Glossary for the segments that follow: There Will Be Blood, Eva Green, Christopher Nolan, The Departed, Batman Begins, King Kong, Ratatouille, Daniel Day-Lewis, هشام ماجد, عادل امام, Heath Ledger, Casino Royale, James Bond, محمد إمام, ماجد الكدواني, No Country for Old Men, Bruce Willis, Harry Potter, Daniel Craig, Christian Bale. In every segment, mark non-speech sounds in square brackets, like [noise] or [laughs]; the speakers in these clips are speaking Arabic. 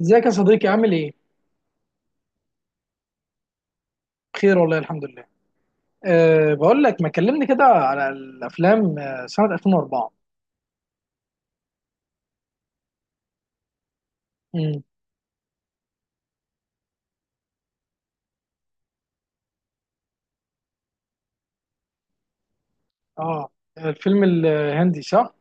ازيك يا صديقي عامل ايه؟ بخير والله الحمد لله. بقول لك ما كلمني كده على الافلام سنة 2004. امم. اه، الفيلم الهندي صح؟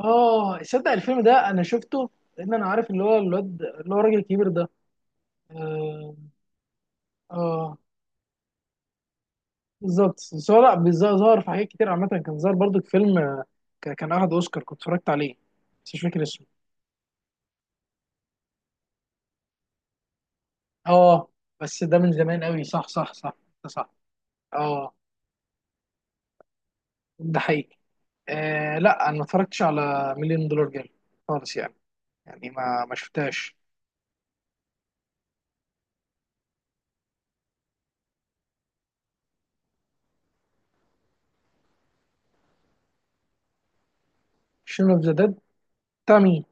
اه تصدق الفيلم ده انا شفته، لان انا عارف اللي هو الراجل الكبير ده. اه. آه بالظبط، بس هو لا ظهر في حاجات كتير عامة، كان ظهر برضو في فيلم، آه، كان اخد اوسكار، كنت اتفرجت عليه بس مش فاكر اسمه. اه، بس ده من زمان قوي، صح صح صح، ده صح. اه ده حقيقي. آه لا، انا ما اتفرجتش على مليون دولار جيل خالص يعني، يعني ما شفتهاش. شنو اوف ذا ديد؟ بتاع مين؟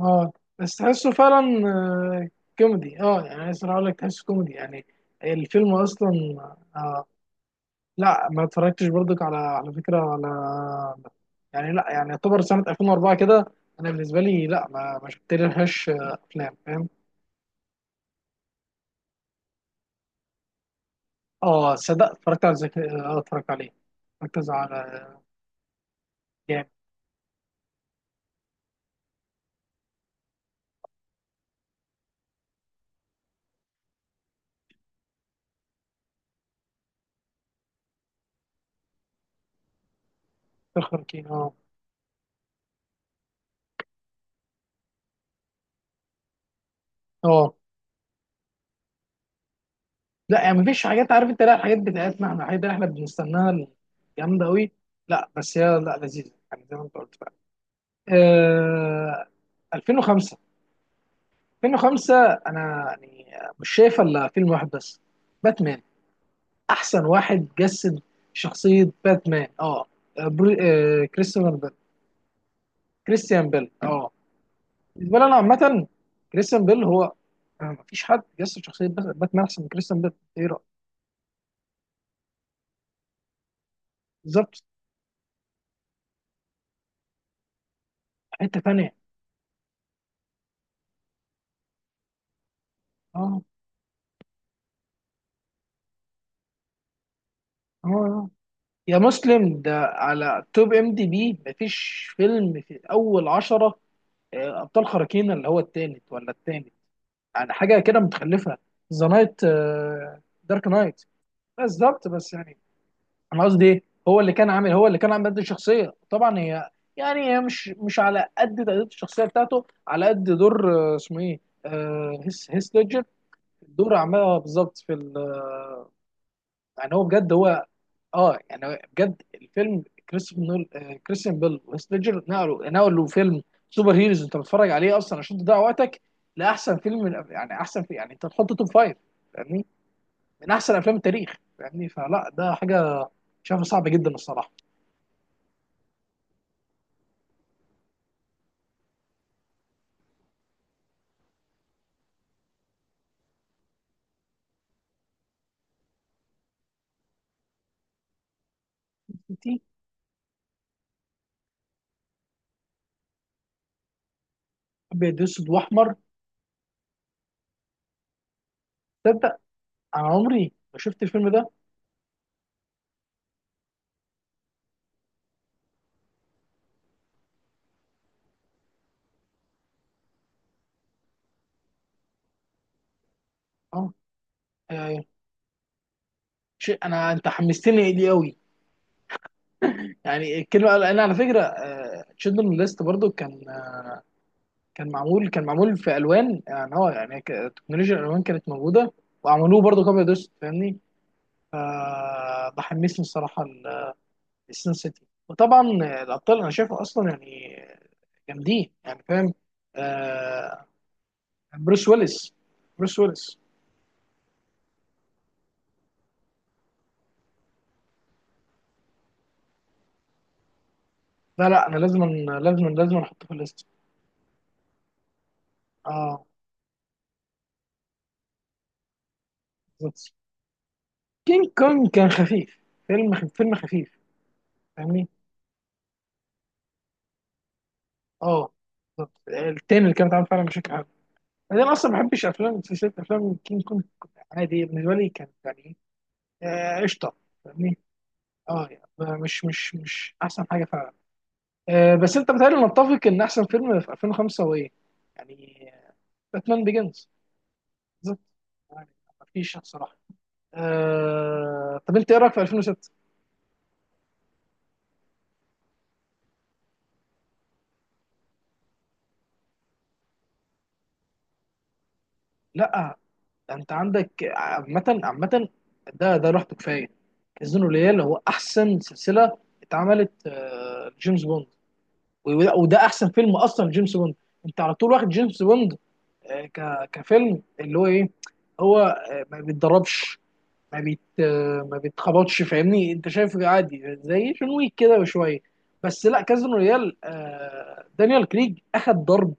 اه بس تحسه فعلا. آه كوميدي، اه يعني عايز اقول لك تحسه كوميدي يعني، الفيلم اصلا. آه لا، ما اتفرجتش برضك على فكره، على. يعني لا، يعني يعتبر سنه 2004 كده، انا بالنسبه لي لا، ما شفت لهاش افلام، فاهم. اه صدق اتفرجت عليه، اتفرجت على، جامد. تخرج، اه. اه لا، يعني مفيش حاجات، عارف انت؟ لا، الحاجات بتاعتنا احنا، الحاجات اللي احنا بنستناها جامده قوي. لا بس هي لا، لذيذه يعني زي ما انت قلت فعلا. آه، 2005. 2005، انا يعني مش شايف الا فيلم واحد بس، باتمان، احسن واحد جسد شخصيه باتمان. اه بري... آه كريستيان بيل، كريستيان بيل. اه بالنسبه لي انا عامه، كريستيان بيل هو، مفيش حد جسد شخصيه باتمان احسن من كريستيان بيل، ايه رايك؟ بالظبط. حته تانيه، اه اه آه. يا مسلم، ده على توب ام دي بي مفيش فيلم في اول عشرة، ابطال خارقين اللي هو التالت ولا التاني، يعني حاجه كده متخلفه. ذا نايت، دارك نايت. بالظبط بس يعني، انا قصدي ايه، هو اللي كان عامل قد الشخصيه طبعا، هي يعني هي مش على قد تأدية الشخصيه بتاعته، على قد دور اسمه ايه، هيث ليدجر. الدور عملها بالظبط يعني هو بجد، هو اه يعني بجد الفيلم. كريستوفر نول، كريستيان بيل وسليجر نقلوا فيلم سوبر هيروز انت بتتفرج عليه اصلا عشان تضيع وقتك، لاحسن فيلم، من يعني احسن، في يعني انت تحط توب فايف، فاهمني؟ من احسن افلام التاريخ فاهمني، فلا ده حاجه شايفها صعبه جدا الصراحه. انتي. ابيض اسود واحمر، تصدق؟ انا عمري ما شفت الفيلم ده. اه. آه، شيء، انا انت حمستني ليه قوي يعني، الكلمه. انا على فكره تشيلدرن ليست برضو كان، كان معمول في الوان، يعني هو يعني تكنولوجيا الالوان كانت موجوده، وعملوه برضه كوبي دوست، فاهمني؟ فبحمسني الصراحه لسين سيتي. وطبعا الابطال انا شايفه اصلا يعني جامدين، يعني فاهم. آه بروس ويلس بروس ويلس. لا لا، انا لازم، لازم احطه في الليست. اه بالظبط. كينج كونج كان خفيف، فيلم خفيف، فاهمني؟ اه بالظبط، التاني اللي كان اتعمل فعلا بشكل حلو. انا اصلا ما بحبش افلام سلسله افلام كينج كونج، عادي بالنسبه لي، كانت يعني قشطه، فاهمني؟ اه يعني مش احسن حاجه فعلا. بس انت بتهيألي نتفق ان احسن فيلم في 2005 هو ايه؟ يعني باتمان بيجنز، بالظبط، يعني ما فيش صراحه. طب انت ايه رايك في 2006؟ لا، ده انت عندك عامه عامه، ده لوحده كفايه. كازينو ريال هو احسن سلسله اتعملت لجيمس بوند، وده احسن فيلم اصلا جيمس بوند. انت على طول واخد جيمس بوند كفيلم اللي هو ايه، هو ما بيتدربش، ما بيتخبطش، فاهمني؟ انت شايفه عادي زي جون ويك كده بشويه، بس لا كازينو ريال دانيال كريج اخد ضرب،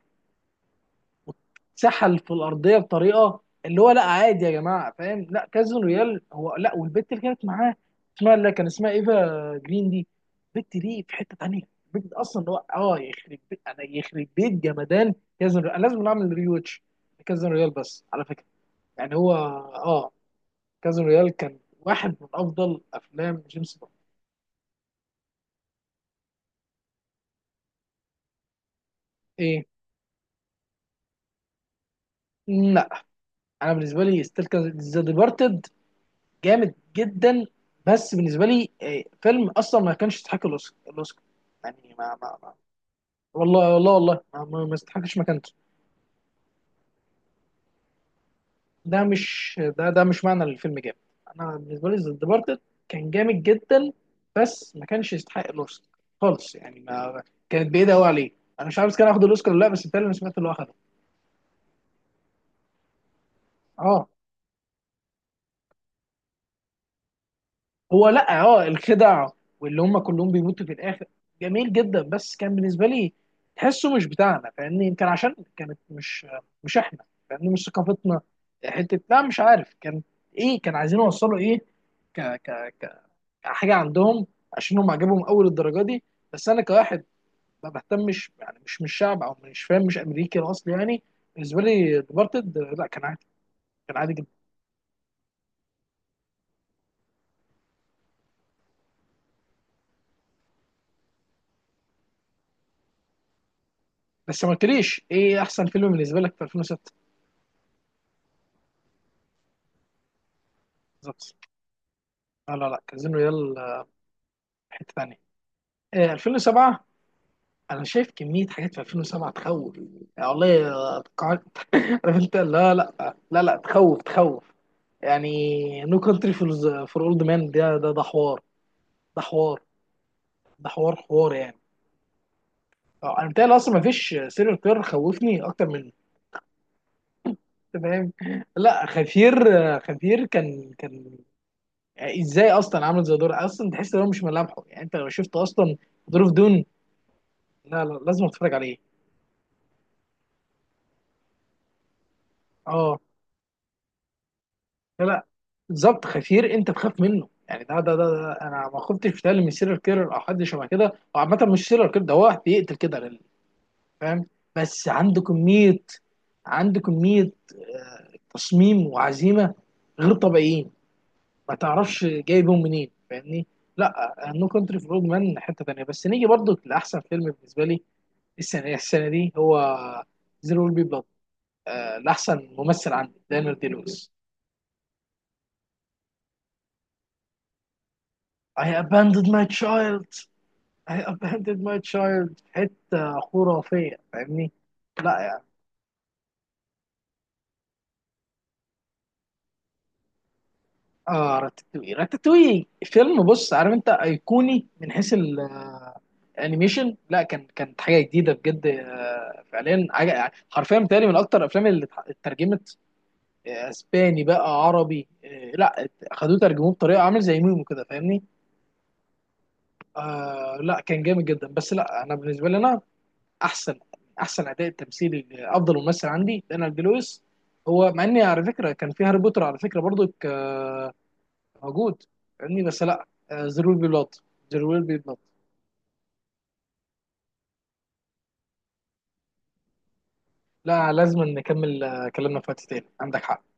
سحل في الارضيه بطريقه اللي هو لا عادي يا جماعه، فاهم؟ لا كازينو ريال هو، لا، والبت اللي كانت معاه اسمها، اللي كان اسمها ايفا جرين. دي البت دي في حته تانيه، البت دي اصلا هو، يخرب بيت، انا يخرب بيت جمدان كازينو ريال، انا لازم نعمل ريوتش كازينو ريال. بس على فكره يعني، هو كازينو ريال كان واحد من افضل افلام جيمس بوند. ايه؟ لا انا بالنسبه لي ستيل ذا ديبارتد جامد جدا، بس بالنسبه لي فيلم اصلا ما كانش يستحق الاوسكار، يعني ما، والله والله والله، ما يستحقش مكانته. ده مش معنى الفيلم جامد، انا بالنسبه لي ذا ديبارتد كان جامد جدا، بس ما كانش يستحق الاوسكار خالص، يعني ما، كانت بعيده قوي عليه. انا مش عارف إذا كان هياخد الاوسكار ولا لا، بس بالتالي انا سمعت اللي هو اخده. اه هو، لا الخدع واللي هم كلهم بيموتوا في الاخر، جميل جدا، بس كان بالنسبه لي تحسه مش بتاعنا، فاهمني؟ يمكن عشان كانت مش، مش احنا، فاهمني؟ مش ثقافتنا، حته لا مش عارف كان ايه، كان عايزين يوصلوا ايه ك ك ك- كحاجه عندهم، عشان هم عجبهم اول الدرجه دي، بس انا كواحد ما بهتمش، يعني مش من الشعب او مش فاهم، مش امريكي الاصل يعني. بالنسبه لي ديبارتد لا، كان عادي، كان عادي جدا. بس ما قلتليش ايه احسن فيلم بالنسبه لك في 2006؟ بالظبط. لا لا لا، كازينو ريال حته ثانيه. 2007، انا شايف كميه حاجات في 2007 تخوف، يعني والله. عارف؟ [laughs] انت لا لا، لا لا تخوف تخوف يعني، نو كونتري فور اولد مان، ده حوار، ده حوار، ده حوار حوار يعني. انا بتهيألي اصلا ما فيش سيريال كيلر خوفني اكتر منه، أنت فاهم؟ لا خفير، خفير كان يعني ازاي اصلا، عامل زي دور اصلا تحس ان هو مش ملامحه يعني، انت لو شفت اصلا ظروف دون. لا لا، لازم تتفرج عليه. اه لا بالظبط، خفير انت تخاف منه يعني، ده انا ما خفتش بتهيألي من سيريال كيرر او حد شبه كده، او عامه مش سيريال كيرر، ده هو واحد بيقتل كده فاهم؟ بس عنده كميه، عنده كميه تصميم وعزيمه غير طبيعيين، ما تعرفش جايبهم منين، فاهمني؟ لا نو كونتري فور اولد مان حته تانيه. بس نيجي برضو لاحسن فيلم بالنسبه لي السنه دي هو زيرو ويل بي بلاد، لاحسن ممثل، عندي دانيال دي لويس. I abandoned my child. I abandoned my child، في حتة خرافية، فاهمني؟ لا يعني، اه راتاتوي، راتاتوي فيلم، بص عارف انت، ايقوني من حيث الانيميشن، لا كانت حاجة جديدة بجد، فعليا حاجة، حرفيا بتهيألي من اكتر الافلام اللي اترجمت اسباني بقى عربي لا، خدوه ترجموه بطريقة عامل زي ميمو كده، فاهمني؟ آه لا كان جامد جدا، بس لا انا بالنسبة لي انا احسن احسن اداء تمثيلي، افضل ممثل عندي دانيال دي لويس، هو، مع اني على فكره كان في هاري بوتر على فكره برضو موجود فاهمني، بس لا، زيرو بي بلاد، زيرو بي بلاد. لا لازم نكمل كلامنا في وقت تاني، عندك حق.